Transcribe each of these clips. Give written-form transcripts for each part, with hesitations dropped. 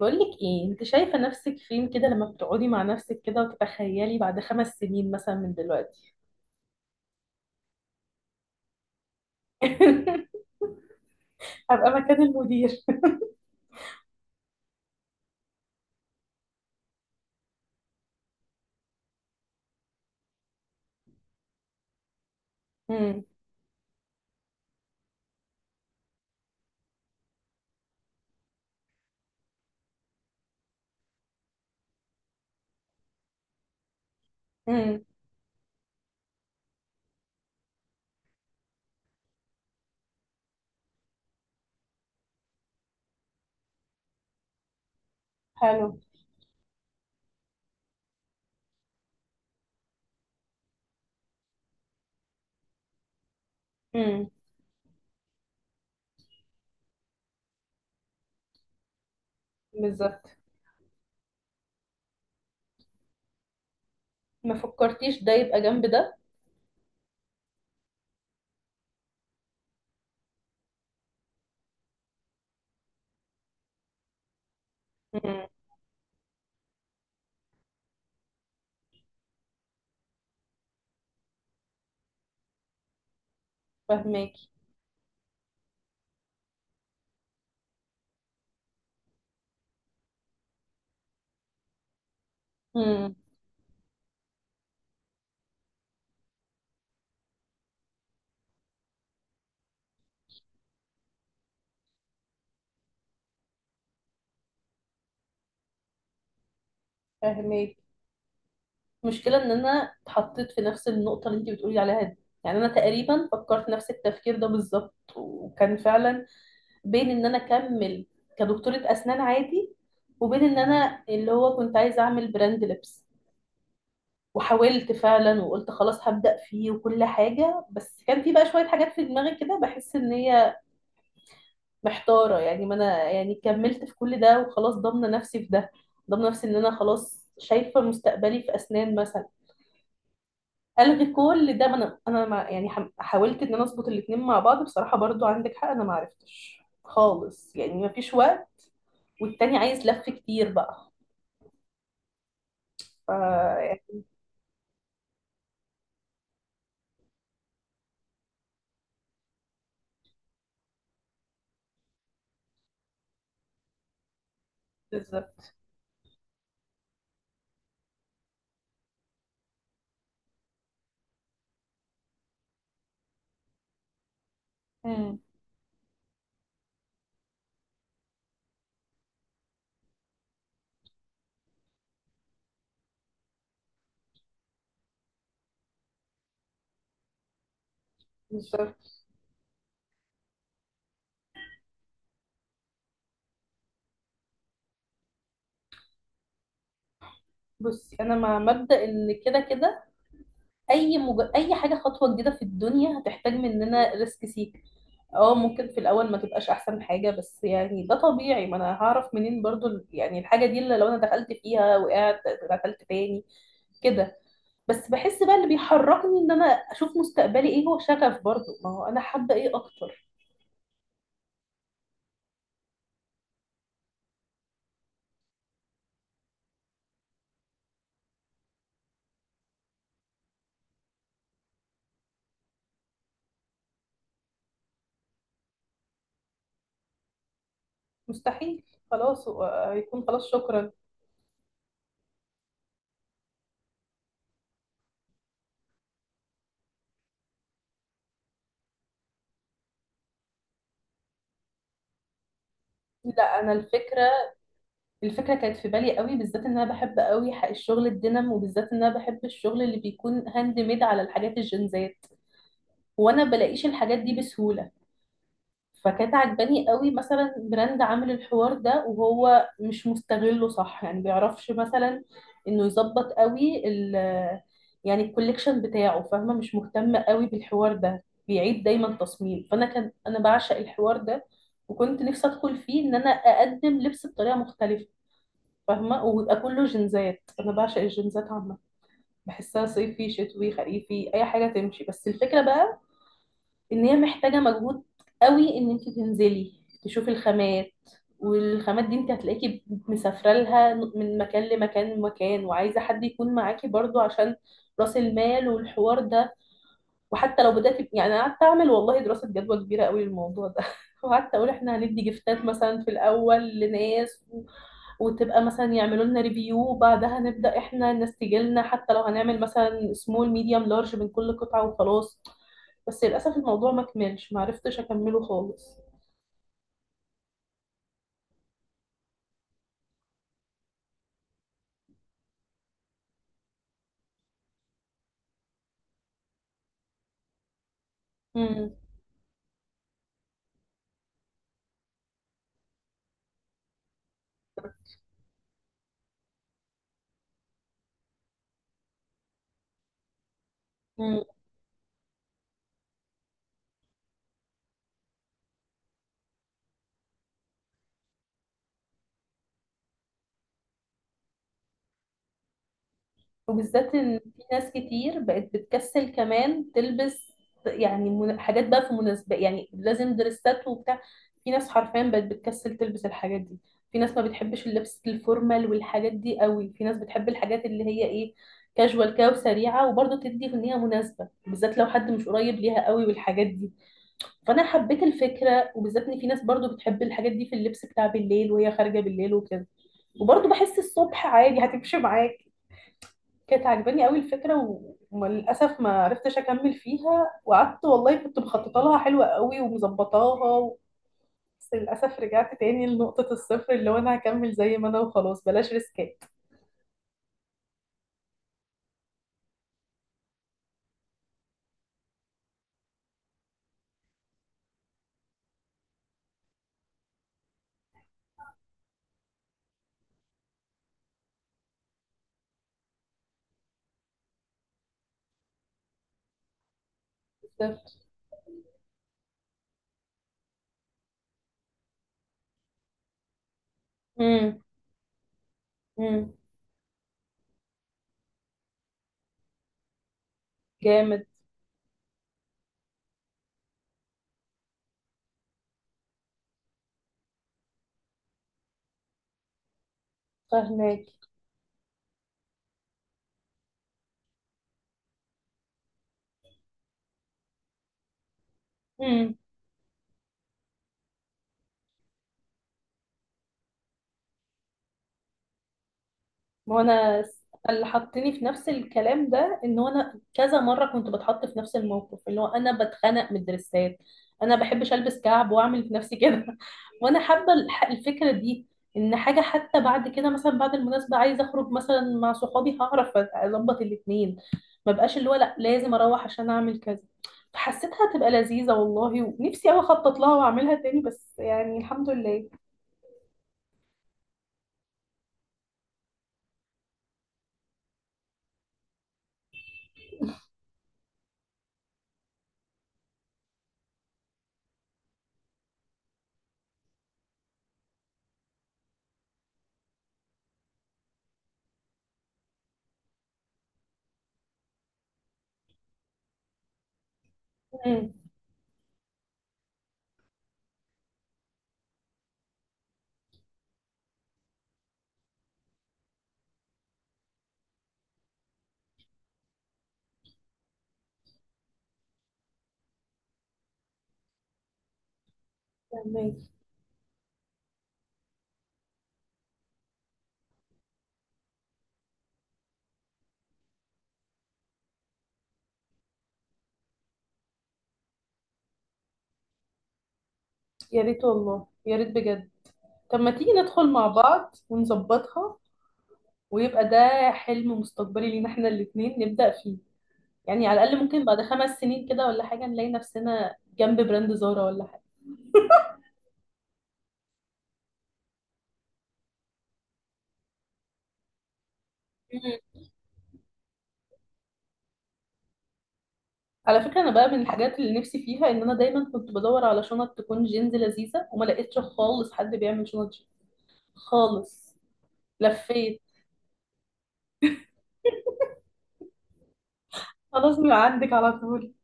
بقولك ايه انت شايفة نفسك فين كده لما بتقعدي مع نفسك كده وتتخيلي بعد 5 سنين مثلا من دلوقتي؟ هبقى مكان المدير. امم. امم. حلو. امم. بالظبط. ما فكرتيش ده يبقى جنب ده؟ امم. فهماكي. امم. فهماكي. المشكلة ان انا اتحطيت في نفس النقطة اللي انت بتقولي عليها دي. يعني انا تقريبا فكرت نفس التفكير ده بالظبط، وكان فعلا بين ان انا اكمل كدكتورة اسنان عادي، وبين ان انا اللي هو كنت عايزة اعمل براند لبس. وحاولت فعلا وقلت خلاص هبدأ فيه وكل حاجة، بس كان في بقى شوية حاجات في دماغي كده بحس ان هي محتارة. يعني ما انا يعني كملت في كل ده وخلاص ضامنة نفسي في ده، ضامنة نفسي ان انا خلاص شايفة مستقبلي في اسنان مثلا. الغي كل ده؟ ما انا يعني حاولت ان انا اظبط الاتنين مع بعض. بصراحة برضو عندك حق، انا ما عرفتش خالص، يعني ما فيش وقت، والتاني عايز لف كتير بقى. ف يعني بالظبط. مم. بالظبط. بصي انا مع مبدأ ان كده كده اي حاجه خطوه جديده في الدنيا هتحتاج مننا ريسك سيك. اه، ممكن في الاول ما تبقاش احسن حاجه، بس يعني ده طبيعي. ما انا هعرف منين برضو يعني الحاجه دي اللي لو انا دخلت فيها وقعت، دخلت تاني كده. بس بحس بقى اللي بيحركني ان انا اشوف مستقبلي ايه هو شغف، برضو ما هو انا حابه ايه اكتر. مستحيل. خلاص هو هيكون خلاص، شكرا. لا، انا الفكره، الفكره كانت في بالي قوي، بالذات ان انا بحب قوي الشغل الدينام، وبالذات ان انا بحب الشغل اللي بيكون هاند ميد على الحاجات الجنزات. وانا بلاقيش الحاجات دي بسهوله. فكانت عجباني قوي مثلا براند عامل الحوار ده، وهو مش مستغله صح، يعني بيعرفش مثلا انه يظبط قوي يعني الكوليكشن بتاعه، فاهمه، مش مهتم قوي بالحوار ده، بيعيد دايما تصميم. فانا كان انا بعشق الحوار ده، وكنت نفسي ادخل فيه ان انا اقدم لبس بطريقه مختلفه. فاهمة، ويبقى كله جنزات. أنا بعشق الجنزات عامة، بحسها صيفي شتوي خريفي، أي حاجة تمشي. بس الفكرة بقى، إن هي محتاجة مجهود قوي، إن أنت تنزلي تشوفي الخامات، والخامات دي أنت هتلاقيكي مسافرة لها من مكان لمكان لمكان، وعايزة حد يكون معاكي برضو عشان رأس المال والحوار ده. وحتى لو بدأت، يعني أنا قعدت أعمل والله دراسة جدوى كبيرة قوي للموضوع ده. وقعدت أقول إحنا هندي جفتات مثلا في الأول لناس، وتبقى مثلا يعملوا لنا ريفيو، وبعدها نبدأ احنا نستجلنا، حتى لو هنعمل مثلا سمول ميديوم لارج من كل قطعة وخلاص. بس للأسف الموضوع ما كملش، ما عرفتش أكمله خالص. امم. وبالذات ان في ناس كتير بقت بتكسل كمان تلبس، يعني حاجات بقى في مناسبة يعني لازم دريسات وبتاع. في ناس حرفيا بقت بتكسل تلبس الحاجات دي، في ناس ما بتحبش اللبس الفورمال والحاجات دي قوي، في ناس بتحب الحاجات اللي هي ايه، كاجوال كده وسريعة وبرضه تدي في ان هي مناسبة، بالذات لو حد مش قريب ليها قوي والحاجات دي. فانا حبيت الفكرة، وبالذات ان في ناس برضه بتحب الحاجات دي في اللبس بتاع بالليل وهي خارجة بالليل وكده، وبرضه بحس الصبح عادي هتمشي معاك. كانت عجباني قوي الفكره وللاسف ما عرفتش اكمل فيها، وقعدت والله كنت مخططه لها حلوه قوي ومظبطاها بس للاسف رجعت تاني لنقطه الصفر، اللي هو انا هكمل زي ما انا وخلاص بلاش ريسكات. صفر. امم. امم. جامد. فهناك. ما هو اللي حطني في نفس الكلام ده ان هو انا كذا مره كنت بتحط في نفس الموقف اللي هو انا بتخنق من الدرسات، انا بحبش البس كعب واعمل في نفسي كده. وانا حابه الفكره دي، ان حاجه حتى بعد كده مثلا بعد المناسبه عايزه اخرج مثلا مع صحابي، هعرف اظبط الاتنين، ما بقاش اللي هو لا لازم اروح عشان اعمل كذا. فحسيتها تبقى لذيذه والله، ونفسي قوي اخطط لها واعملها تاني، بس يعني الحمد لله. امم. فهماكي. يا ريت والله يا ريت بجد. طب ما تيجي ندخل مع بعض ونظبطها، ويبقى ده حلم مستقبلي لينا احنا الاتنين نبدأ فيه. يعني على الأقل ممكن بعد 5 سنين كده ولا حاجة نلاقي نفسنا جنب براند زارا ولا حاجة. مم. على فكرة أنا بقى من الحاجات اللي نفسي فيها إن أنا دايما كنت بدور على شنط تكون جينز لذيذة، وما لقيتش خالص حد بيعمل شنط جينز خالص. لفيت. خلاص من عندك على طول.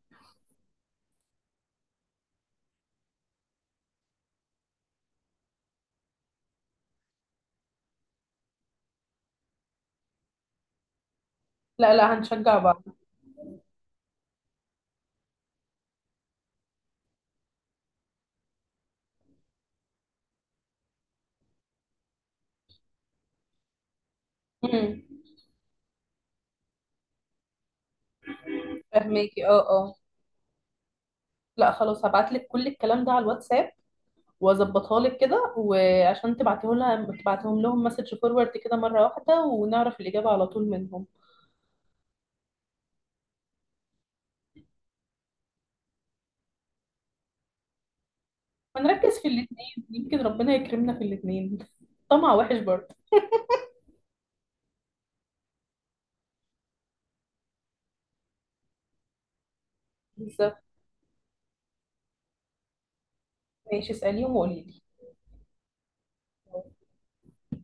لا لا، هنشجع بعض. امم. فهماكي. اه اه. لا خلاص، هبعتلك كل الكلام ده على الواتساب واظبطها لك كده، وعشان تبعته لها تبعتهم لهم مسج فورورد كده مره واحده، ونعرف الاجابه على طول منهم. ونركز في الاثنين، يمكن ربنا يكرمنا في الاثنين. طمع وحش برضه. بالظبط. ماشي اساليهم، وقولي لي